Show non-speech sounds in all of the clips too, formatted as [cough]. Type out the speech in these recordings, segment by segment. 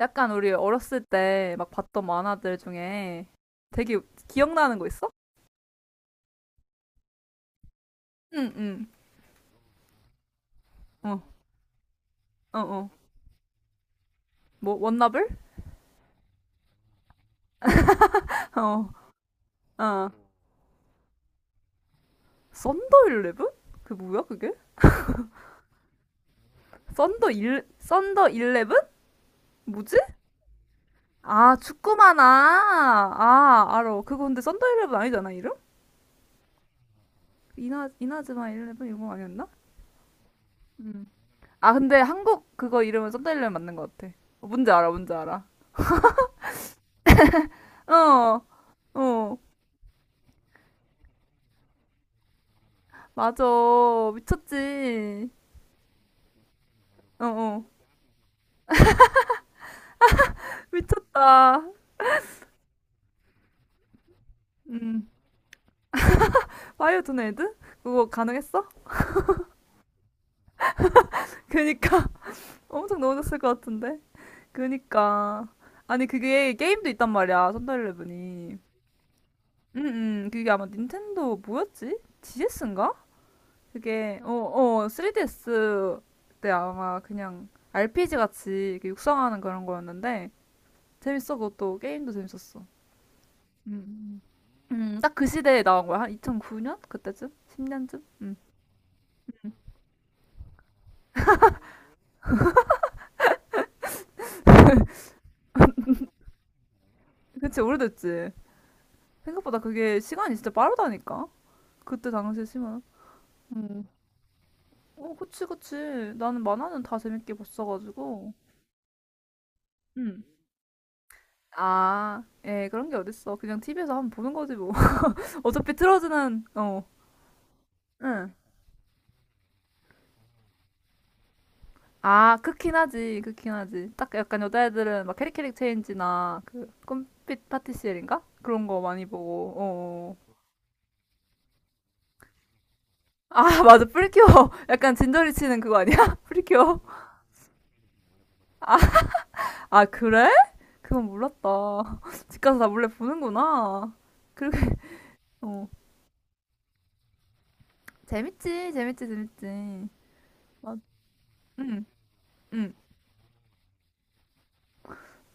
약간 우리 어렸을 때 막 봤던 만화들 중에 되게 기억나는 거 있어? 응, 응. 어, 어, 어. 뭐, 원나블? [laughs] 어, 어. 썬더 일레븐? 그 뭐야, 그게? 썬더 일, 썬더 일레븐? 뭐지? 아, 축구 만화. 아, 알어. 그거 근데 썬더 일레븐 아니잖아, 이름? 이나, 이나즈마 일레븐 이거 아니었나? 음. 아, 근데 한국 그거 이름은 썬더 일레븐 맞는 것 같아. 어, 뭔지 알아, 뭔지 알아. 어, 어. 맞아. 미쳤지. 어어. 미쳤다. 음. 파이어존 애드? 그거 가능했어? 그니까. [laughs] 엄청 넣어줬을 것 같은데. 그니까. 아니, 그게 게임도 있단 말이야. 선더일레븐이 응응 그게 아마 닌텐도 뭐였지? GS인가? 그게, 어, 어, 3DS 때 아마 그냥 RPG 같이 이렇게 육성하는 그런 거였는데. 재밌어, 그것도. 게임도 재밌었어. 딱 그 시대에 나온 거야. 한 2009년? 그때쯤? 10년쯤? 그치, 오래됐지. 생각보다 그게 시간이 진짜 빠르다니까. 그때 당시에 심은. 어, 그치, 그치. 나는 만화는 다 재밌게 봤어가지고. 응. 아, 예, 그런 게 어딨어. 그냥 TV에서 한번 보는 거지, 뭐. [laughs] 어차피 틀어주는, 어. 응. 아, 크긴 하지, 크긴 하지. 딱 약간 여자애들은 막 캐릭캐릭 체인지나 그 꿈빛 파티시엘인가? 그런 거 많이 보고, 어. 어. 아, [laughs] 맞아, 프리큐어. [laughs] 약간 진저리 치는 그거 아니야? [laughs] 프리큐어. 아, 아, 그래? 그건 몰랐다. [laughs] 집 가서 나 몰래 보는구나. 그렇게 [laughs] 어 재밌지 재밌지 재밌지. 맞. 응 응.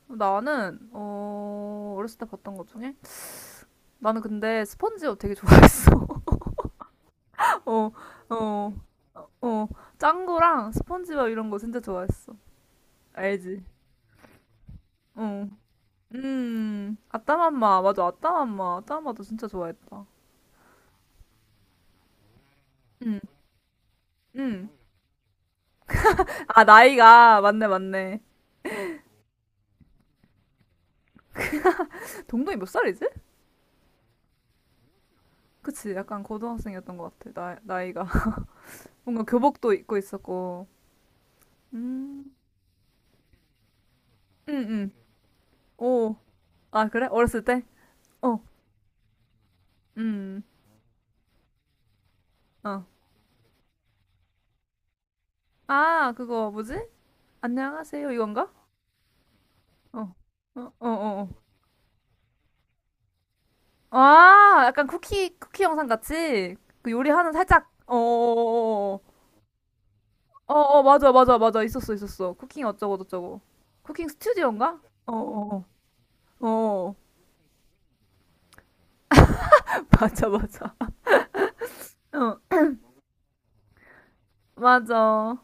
나는 어 어렸을 때 봤던 것 중에 나는 근데 스펀지밥 되게 좋아했어. [laughs] 어 어 어 짱구랑 스펀지밥 이런 거 진짜 좋아했어. 알지? 어. 음. 아따맘마 맞아 아따맘마 아따맘마도 진짜 좋아했다. 응 응. 아 나이가 맞네 맞네. 동동이 몇 살이지? 그치, 약간 고등학생이었던 것 같아, 나, 나이가. [laughs] 뭔가 교복도 입고 있었고. 음, 응, 응. 오, 아, 그래? 어렸을 때? 어, 음, 어. 아, 그거 뭐지? 안녕하세요, 이건가? 어, 어, 어, 어. 어. 아, 약간 쿠키, 쿠키 영상 같이? 그 요리하는 살짝, 어, 어, 어, 어, 어, 어, 어, 맞아, 맞아, 맞아. 있었어, 있었어. 쿠킹 어쩌고저쩌고. 쿠킹 스튜디오인가? 어, 어, 어. 어, [laughs] 맞아, 맞아. 어, 맞아.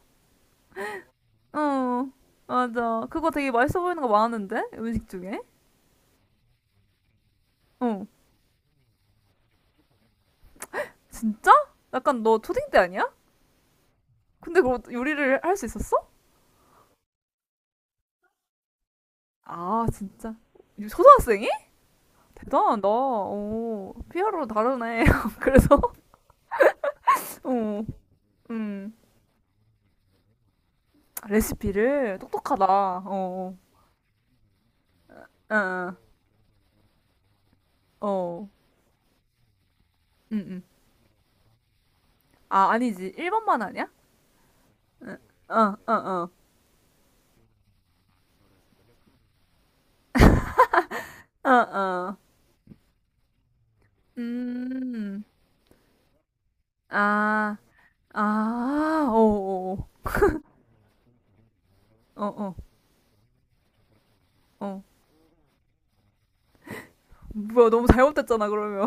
어, 맞아. 그거 되게 맛있어 보이는 거 많은데? 음식 중에? 어, 진짜? 약간 너 초딩 때 아니야? 근데 그거 요리를 할 수 있었어? 아, 진짜. 초등학생이? 대단하다. 어, 피아로 다르네. [laughs] 그래서, 어, 음, 레시피를 똑똑하다. 어, 어, 어, 어, 음, 음. 아, 아니지. 1번만 아니야? 응, 어, 어, 어, 어, 어. 음, 아, 아, 어, 어, 어, 어. 어. 뭐야, 너무 잘못됐잖아, 그러면.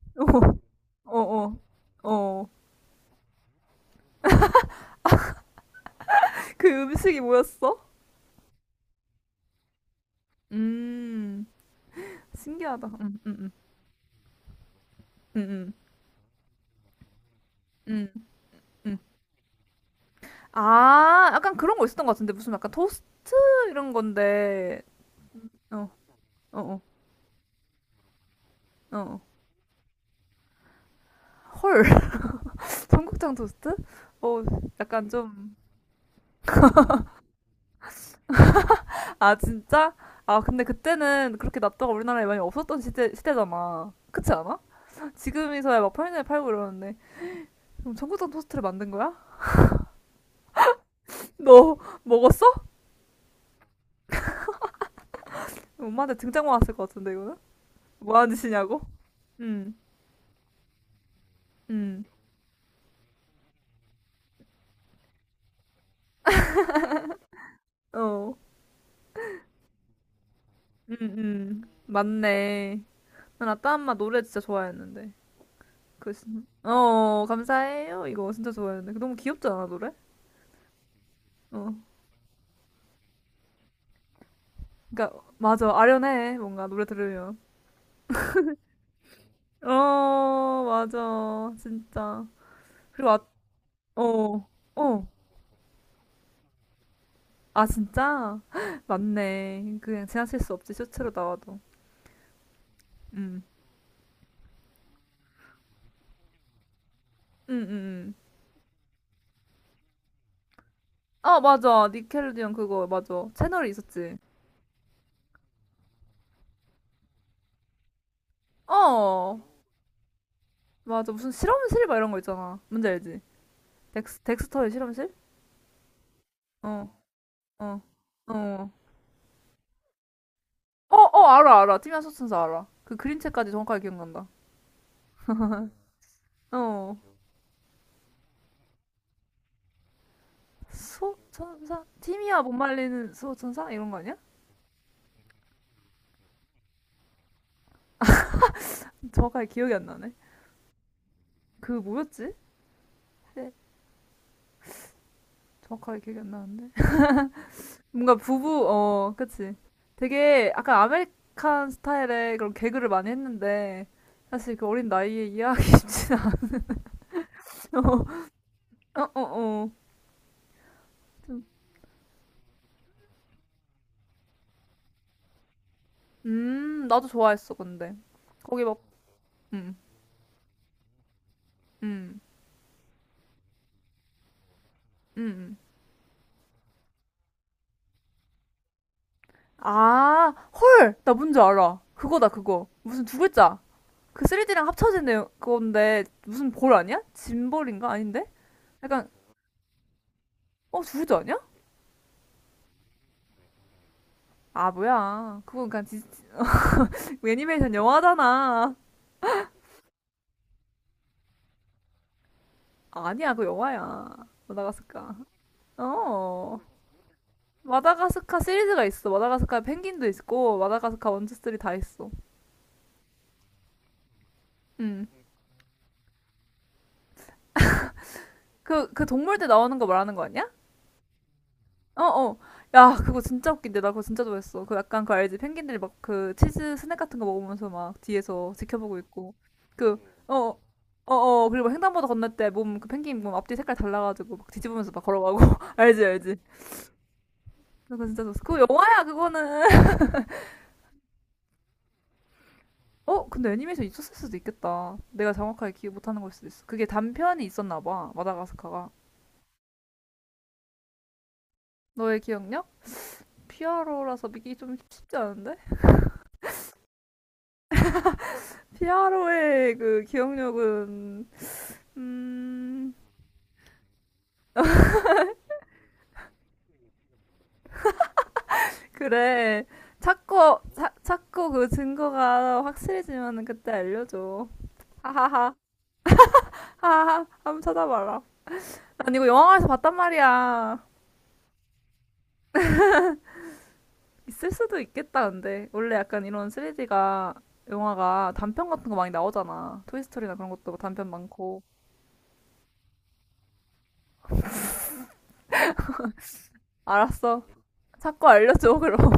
[laughs] 어, 어, 어. 어. 그 그 음식이 뭐였어? 음, 신기하다. 음, 음, 음. 음. 아, 약간 그런 거 있었던 것 같은데. 무슨 약간 토스트 이런 건데. 어, 어, 어, 어. 어. 헐, [laughs] 청국장 토스트? 어, 약간 좀. 아, 진짜? 아, 근데 그때는 그렇게 납도가 우리나라에 많이 없었던 시대, 시대잖아. 그렇지 않아? 지금이서야 막 편의점에 팔고 이러는데. 그럼 청국장 토스트를 만든 거야? 너 먹었어? 엄마한테 등짝 맞았을 것 같은데 이거는 뭐 하는 짓이냐고? 응, 응, 어, 응, 응, 맞네. 난 아따 엄마 노래 진짜 좋아했는데. 그, 신- 어, 감사해요. 이거 진짜 좋아했는데. 그 너무 귀엽지 않아 노래? 어, 그러니까 맞아 아련해 뭔가 노래 들으면. 어, 맞아 진짜. 그리고 아, 어, 어, 아 진짜? [gasps] [laughs] 맞네. 그냥 지나칠 수 없지 쇼츠로 나와도. 응, 응, 응. 응. 어, 맞아. 니켈로디언 그거, 맞아. 채널이 있었지. 어, 맞아. 무슨 실험실 막 이런 거 있잖아. 뭔지 알지? 덱스, 덱스터의 실험실? 어, 어, 어. 어, 어, 알아, 알아. 티미아 소천사 알아. 그 그림체까지 정확하게 기억난다. 어. 소천사? 티미아 못 말리는 소천사? 이런 거 아니야? 정확하게 기억이 안 나네. 그 뭐였지? 네, 정확하게 기억이 안 나는데. 뭔가 부부, 어, 그치. 되게 약간 아메리칸 스타일의 그런 개그를 많이 했는데, 사실 그 어린 나이에 이해하기 [laughs] 쉽진 않죠. [laughs] 어, 어, 어. 좀, 나도 좋아했어, 근데. 거기 막, 음, 음, 음. 아, 헐! 나 뭔지 알아. 그거다, 그거. 무슨 두 글자. 그 3D랑 합쳐진 내용, 그건데, 무슨 볼 아니야? 짐볼인가? 아닌데? 약간, 어, 두 글자 아니야? 아, 뭐야. 그건 그냥 디- 애니메이션 영화잖아. 아니야, 그 영화야. 마다가스카. 어. 마다가스카 시리즈가 있어. 마다가스카 펭귄도 있고, 마다가스카 스 2, 이다 있어. 응. 그, 그 동물 때 나오는 거 말하는 거 아니야? 어, 어. 야, 그거 진짜 웃긴데. 나 그거 진짜 좋아했어. 그 약간 그 알지? 펭귄들이 막 그 치즈 스낵 같은 거 먹으면서 막 뒤에서 지켜보고 있고. 그, 어, 어, 어. 그리고 횡단보도 건널 때 몸, 그 펭귄 몸 앞뒤 색깔 달라가지고 막 뒤집으면서 막 걸어가고. [laughs] 알지, 알지? 그거 진짜 좋았어. 그거 영화야, 그거는. 어? 근데 애니메이션 있었을 수도 있겠다. 내가 정확하게 기억 못하는 걸 수도 있어. 그게 단편이 있었나 봐. 마다가스카가. 너의 기억력? 피아로라서 믿기 좀 쉽지 않은데? 피아로의 그 기억력은 음 그래 찾고 차, 찾고 그 증거가 확실해지면 그때 알려줘. 하하하 하하 한번 찾아봐라. 난 이거 영화관에서 봤단 말이야. 있을 수도 있겠다, 근데. 원래 약간 이런 3D가, 영화가 단편 같은 거 많이 나오잖아. 토이스토리나 그런 것도 단편 많고. 알았어. 자꾸 알려줘, 그럼.